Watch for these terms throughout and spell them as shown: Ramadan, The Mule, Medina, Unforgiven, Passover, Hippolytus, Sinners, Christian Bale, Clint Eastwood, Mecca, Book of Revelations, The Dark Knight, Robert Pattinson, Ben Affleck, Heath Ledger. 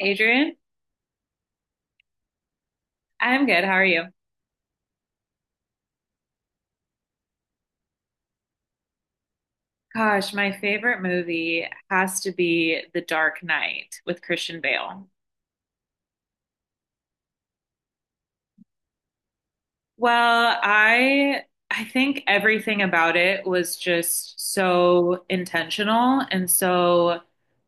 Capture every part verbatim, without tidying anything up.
Adrian, I'm good. How are you? Gosh, my favorite movie has to be The Dark Knight with Christian Bale. Well, I I think everything about it was just so intentional and so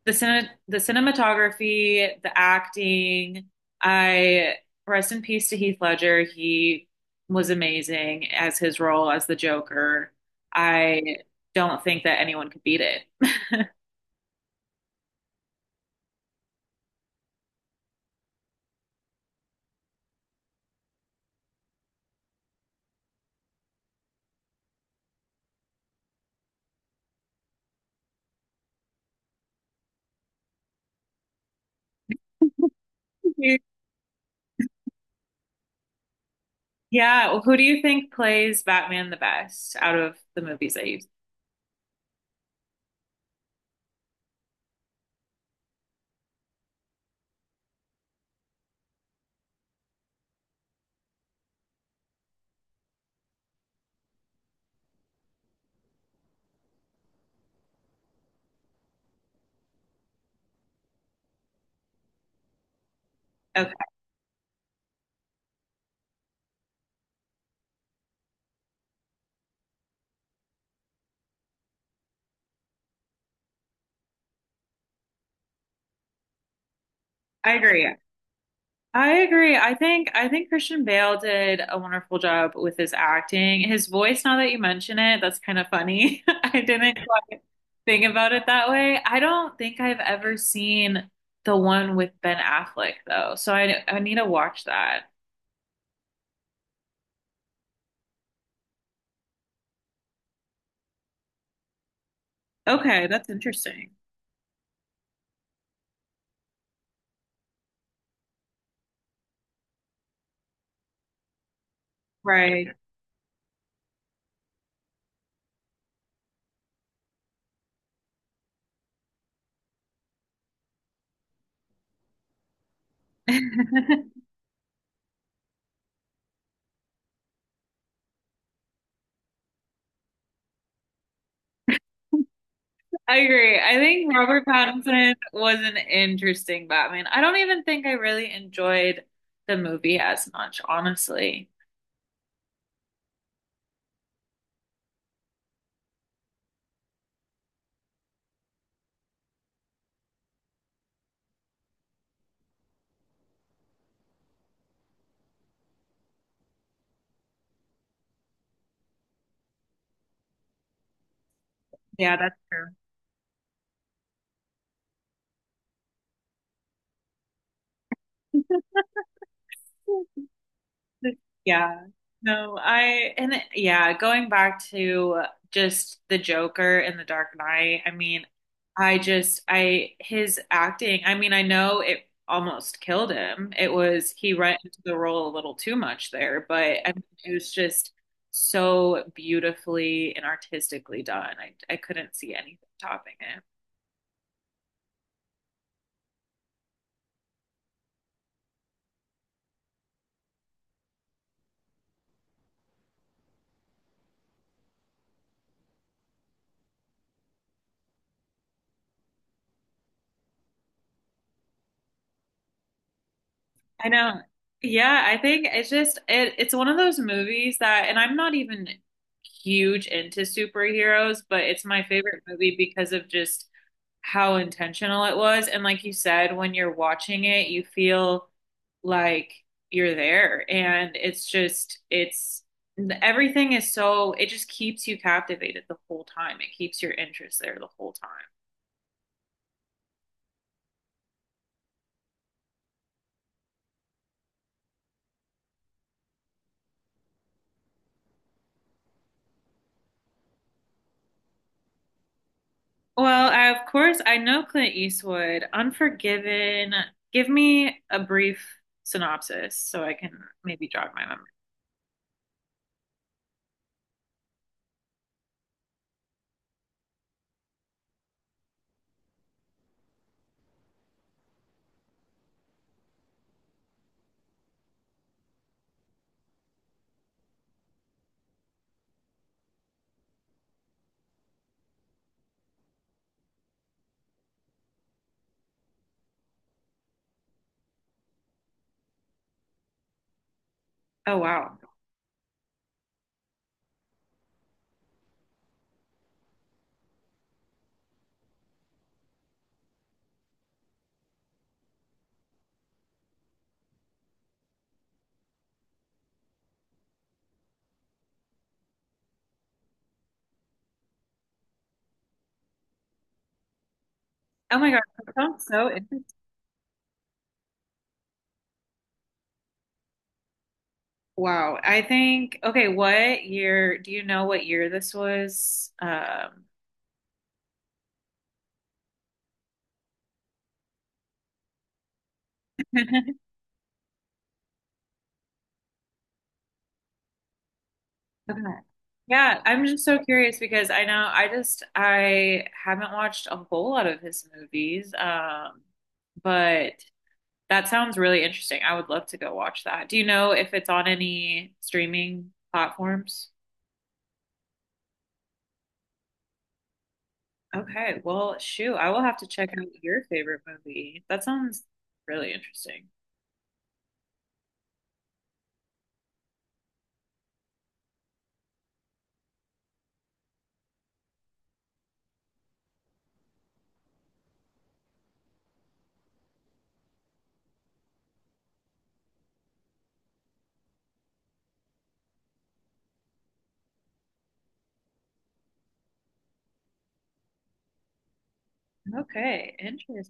the cine the cinematography, the acting, I rest in peace to Heath Ledger. He was amazing as his role as the Joker. I don't think that anyone could beat it. Yeah, well, who do you think plays Batman the best out of the movies that you've? Okay, I agree. I agree. I think I think Christian Bale did a wonderful job with his acting. His voice, now that you mention it, that's kind of funny. I didn't quite think about it that way. I don't think I've ever seen the one with Ben Affleck though, so I I need to watch that. Okay, that's interesting. Right. I agree. I think Robert Pattinson was an interesting Batman. I don't even think I really enjoyed the movie as much, honestly. Yeah, that's true. Yeah. No, I and it- yeah, going back to just the Joker in The Dark Knight, I mean, I just I his acting, I mean, I know it almost killed him. It was he went into the role a little too much there, but I mean, it was just so beautifully and artistically done. I I couldn't see anything topping it. I know. Yeah, I think it's just it, it's one of those movies that, and I'm not even huge into superheroes, but it's my favorite movie because of just how intentional it was. And like you said, when you're watching it, you feel like you're there. And it's just it's everything is so, it just keeps you captivated the whole time. It keeps your interest there the whole time. Well, I, of course, I know Clint Eastwood. Unforgiven. Give me a brief synopsis so I can maybe jog my memory. Oh, wow. Oh my God. That sounds so interesting. Wow. I think, okay, what year? Do you know what year this was? Um, okay. Yeah, I'm just so curious because I know I just I haven't watched a whole lot of his movies. Um, but that sounds really interesting. I would love to go watch that. Do you know if it's on any streaming platforms? Okay, well, shoot, I will have to check out your favorite movie. That sounds really interesting. Okay, interesting.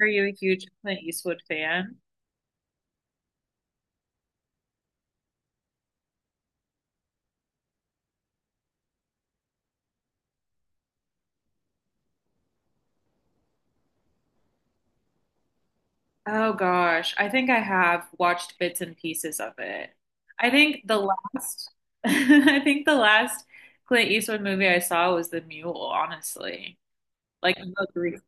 Are you a huge Clint Eastwood fan? Oh gosh, I think I have watched bits and pieces of it. I think the last, I think the last Clint Eastwood movie I saw was The Mule, honestly. Like the most recent.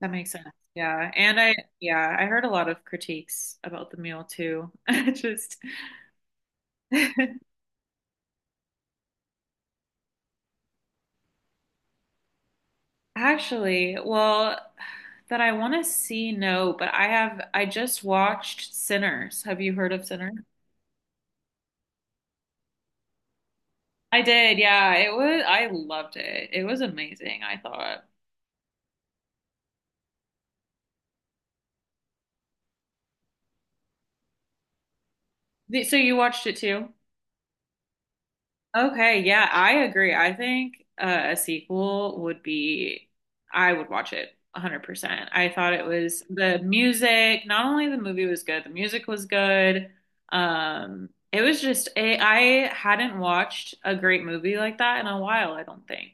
That makes sense. Yeah. And I, yeah, I heard a lot of critiques about the meal too. Just actually, well, that I want to see, no, but I have, I just watched Sinners. Have you heard of Sinners? I did. Yeah. It was, I loved it. It was amazing, I thought. The- So you watched it too? Okay, yeah, I agree. I think uh, a sequel would be, I would watch it one hundred percent. I thought it was the music. Not only the movie was good, the music was good. Um, it was just, it, I hadn't watched a great movie like that in a while, I don't think.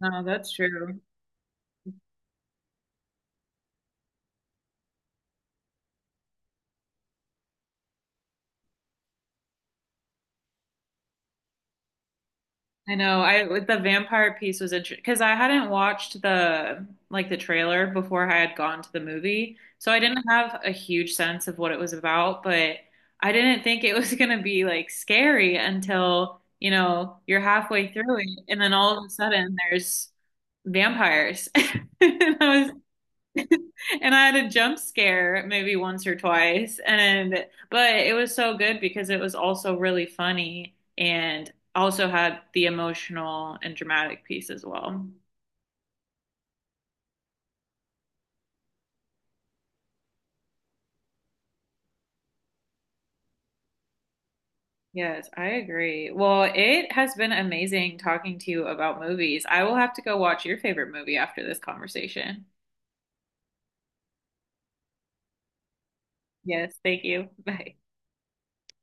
No, that's true. I know. I with the vampire piece was interesting because I hadn't watched the like the trailer before I had gone to the movie, so I didn't have a huge sense of what it was about. But I didn't think it was gonna be like scary until, you know, you're halfway through it, and then all of a sudden there's vampires. And I was, and I had a jump scare maybe once or twice. And but it was so good because it was also really funny and also had the emotional and dramatic piece as well. Yes, I agree. Well, it has been amazing talking to you about movies. I will have to go watch your favorite movie after this conversation. Yes, thank you. Bye.